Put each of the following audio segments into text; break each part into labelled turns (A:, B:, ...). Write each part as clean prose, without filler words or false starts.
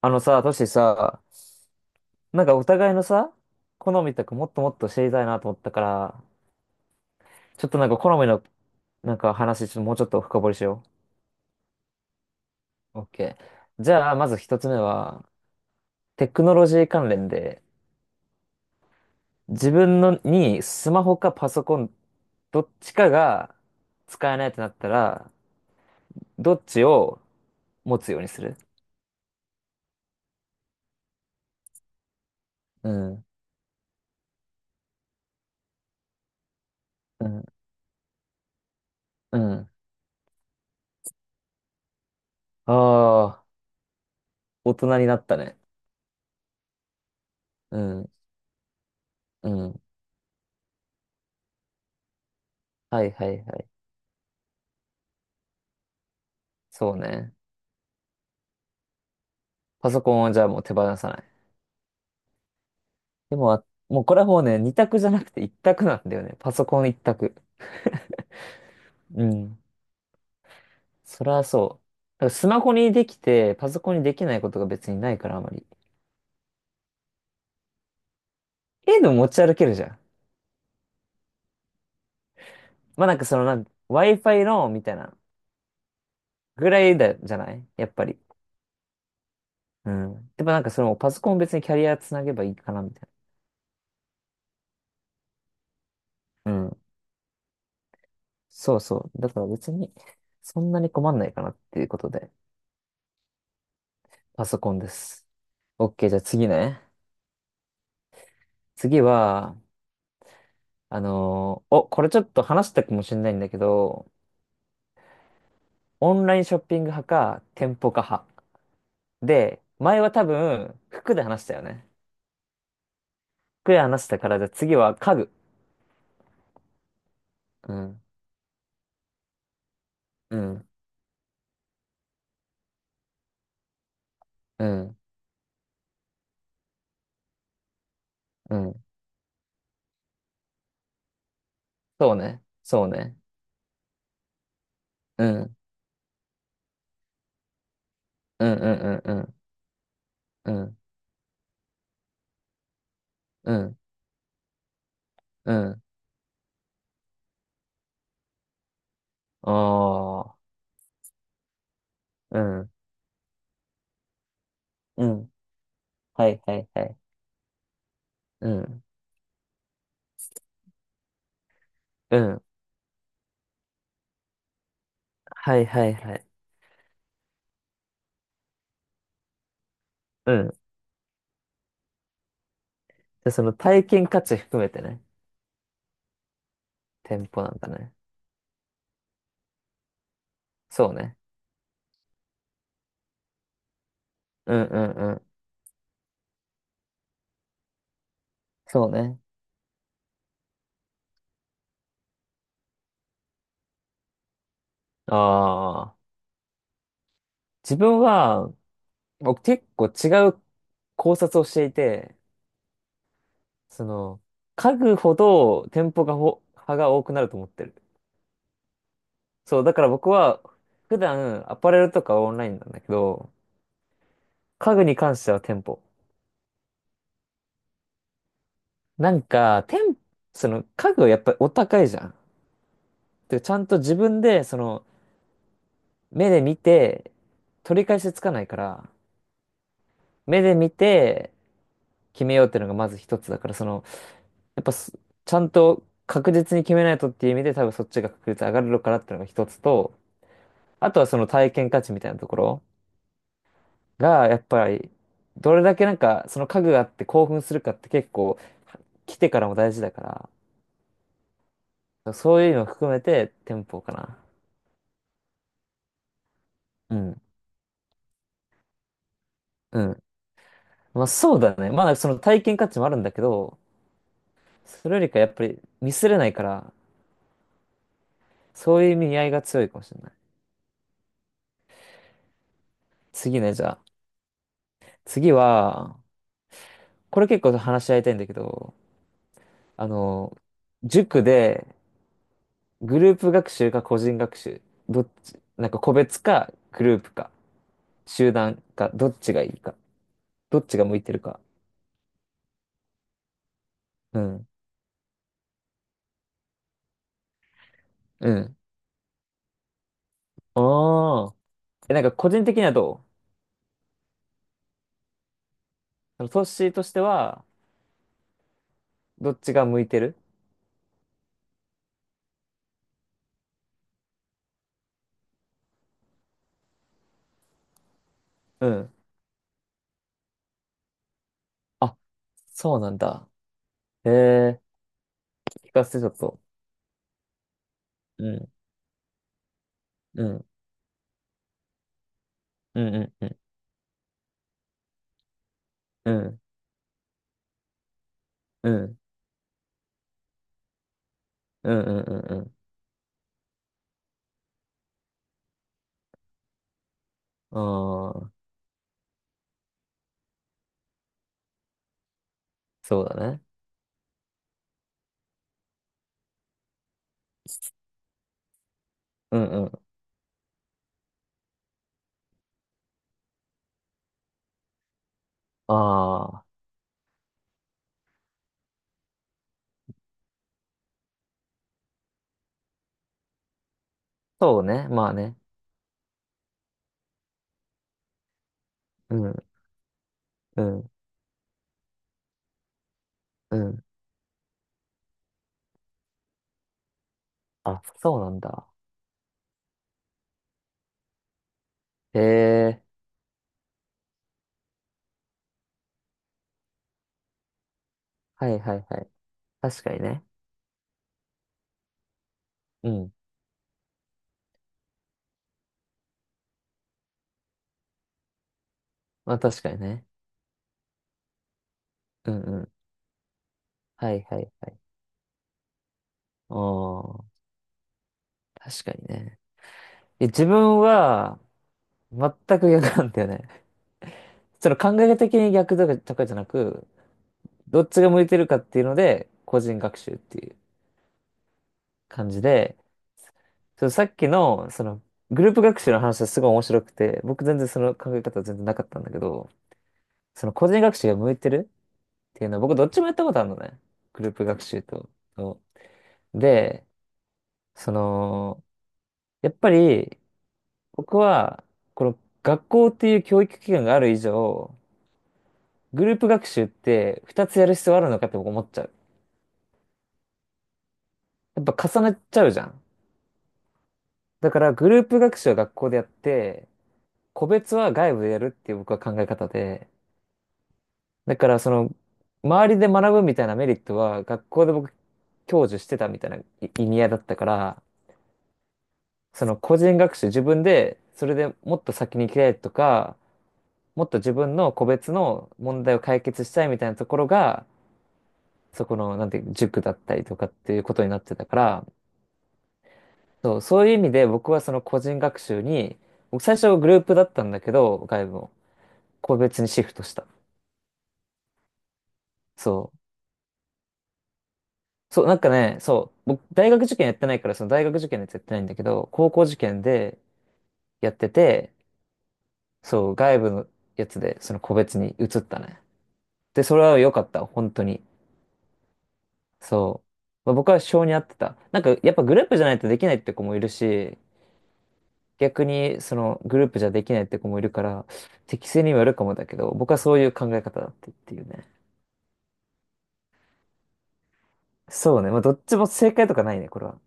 A: あのさ、トシさ、なんかお互いのさ、好みとかもっともっと知りたいなと思ったから、ちょっとなんか好みのなんか話、ちょっともうちょっと深掘りしよう。OK。じゃあ、まず一つ目は、テクノロジー関連で、自分のにスマホかパソコン、どっちかが使えないってなったら、どっちを持つようにする？うん、うん、うん。ああ、大人になったね。うん、うん。はいはいはい。そうね。パソコンはじゃあもう手放さない。でも、あもうこれはもうね、二択じゃなくて一択なんだよね。パソコン一択。うん。それはそう。だからスマホにできて、パソコンにできないことが別にないから、あまり。ええの持ち歩けるじゃん。まあなんかそのWi-Fi のみたいなぐらいだ、じゃないやっぱり。うん。でもなんかそのパソコン別にキャリアつなげばいいかな、みたいな。うん。そうそう。だから別に、そんなに困んないかなっていうことで、パソコンです。OK、じゃあ次ね。次は、あのーお、これちょっと話したかもしれないんだけど、オンラインショッピング派か、店舗化派。で、前は多分、服で話したよね。服で話したから、じゃあ次は家具。うん、うん、うん、うん。そうね、そうね。うん、うん、うん、うん、うん、うん、うん。うんああー、うん、うん。はい、はい、はい。うん、うん。はい、はい、はい。うん。で、その体験価値含めてね、店舗なんだね。そうね。うん、うん、うん。そうね。ああ、自分は、僕結構違う考察をしていて、その、家具ほど店舗が派が多くなると思ってる。そう、だから僕は、普段アパレルとかはオンラインなんだけど、家具に関しては店舗。なんか、その家具はやっぱりお高いじゃん。で、ちゃんと自分で、その、目で見て、取り返しつかないから、目で見て決めようっていうのがまず一つだから、その、やっぱす、ちゃんと確実に決めないとっていう意味で多分そっちが確率上がるのかなっていうのが一つと、あとはその体験価値みたいなところが、やっぱり、どれだけなんかその家具があって興奮するかって結構、来てからも大事だから、そういうのを含めて店舗かな。うん。うん。まあそうだね。まあその体験価値もあるんだけど、それよりかやっぱりミスれないから、そういう意味合いが強いかもしれない。次ね、じゃあ。次は、これ結構話し合いたいんだけど、あの、塾でグループ学習か個人学習、どっち、なんか個別かグループか集団かどっちがいいか、どっちが向いてるか。うん。うん。ああ。え、なんか個人的にはどう？そのトッシーとしてはどっちが向いてる？うん。あ、そうなんだ。へえ、聞かせてちょっと。うん。うん。うんうんうんうんうんうんうんうんうん。ああー、そうだね。うんうん。ああ、そうね。まあね。うんうんうん。あ、そうなんだ。へえ。はいはいはい。確かにね。うん。まあ確かにね。うんうん。はいはいはい。ああ、確かにね。いや自分は全く逆なんだよね。その考え的に逆とか、とかじゃなく、どっちが向いてるかっていうので、個人学習っていう感じで、そのさっきの、その、グループ学習の話はすごい面白くて、僕全然その考え方は全然なかったんだけど、その個人学習が向いてるっていうの、僕どっちもやったことあるのね。グループ学習と。とで、その、やっぱり僕は、この学校っていう教育機関がある以上、グループ学習って2つやる必要あるのかって僕思っちゃう。やっぱ重ねちゃうじゃん。だからグループ学習は学校でやって、個別は外部でやるっていう僕は考え方で、だからその、周りで学ぶみたいなメリットは学校で僕享受してたみたいない意味合いだったから、その個人学習、自分で、それでもっと先に行きたいとか、もっと自分の個別の問題を解決したいみたいなところが、そこの、なんていう、塾だったりとかっていうことになってたから、そう、そういう意味で僕はその個人学習に、僕最初グループだったんだけど、外部も、個別にシフトした。そう。そう、なんかね、そう、僕、大学受験やってないから、その大学受験のやつやってないんだけど、高校受験でやってて、そう、外部のやつで、その個別に移ったね。で、それは良かった。本当に。そう。まあ、僕は性に合ってた。なんか、やっぱグループじゃないとできないって子もいるし、逆にそのグループじゃできないって子もいるから、適性にもよるかもだけど、僕はそういう考え方だってっていうね。そうね。まあ、どっちも正解とかないね、これは。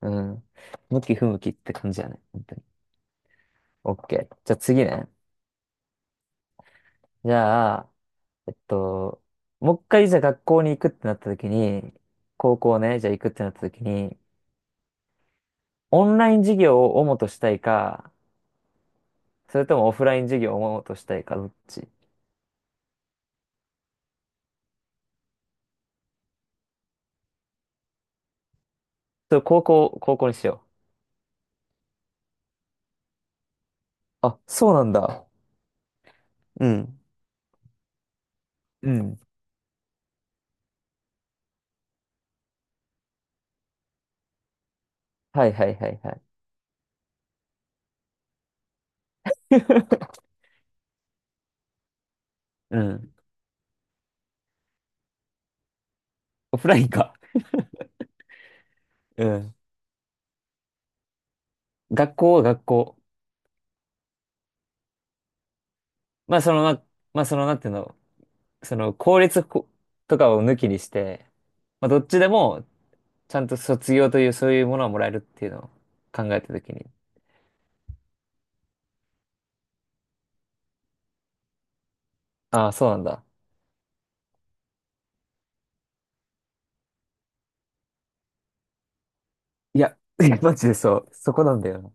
A: うん。向き不向きって感じやね。本当に。オッケー。じゃあ次ね。じゃあ、えっと、もう一回じゃあ学校に行くってなった時に、高校ね、じゃあ行くってなった時に、オンライン授業を主としたいか、それともオフライン授業をもっとしたいか、どっち？それ高校、高校にしよう。あ、そうなんだ。うん。うん。はいはいはいはい。うん。オフラインか。うん。学校は学校。まあその、まあ、まあその、なんていうの、その、公立ことかを抜きにして、まあどっちでも、ちゃんと卒業という、そういうものはもらえるっていうのを考えたときに。ああ、そうなんだ。いや、いやマジでそう。そこなんだよな。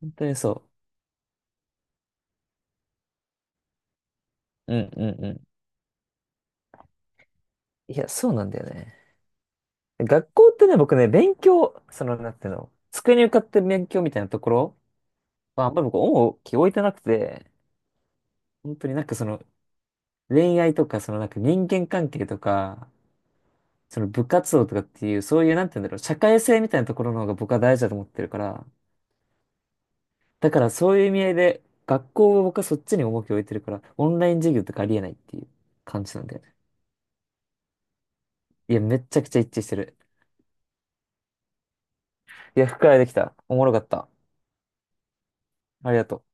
A: 本当にそう。うんうんうん。いや、そうなんだよね。学校ってね、僕ね、勉強、その、なんていうの、机に向かって勉強みたいなところは、あんまり僕、重きを置いてなくて、本当になんかその、恋愛とか、そのなんか人間関係とか、その部活動とかっていう、そういう、なんていうんだろう、社会性みたいなところの方が僕は大事だと思ってるから、だからそういう意味合いで、学校を僕はそっちに重きを置いてるから、オンライン授業とかありえないっていう感じなんだよね。いや、めっちゃくちゃ一致してる。いや、深いできた。おもろかった。ありがとう。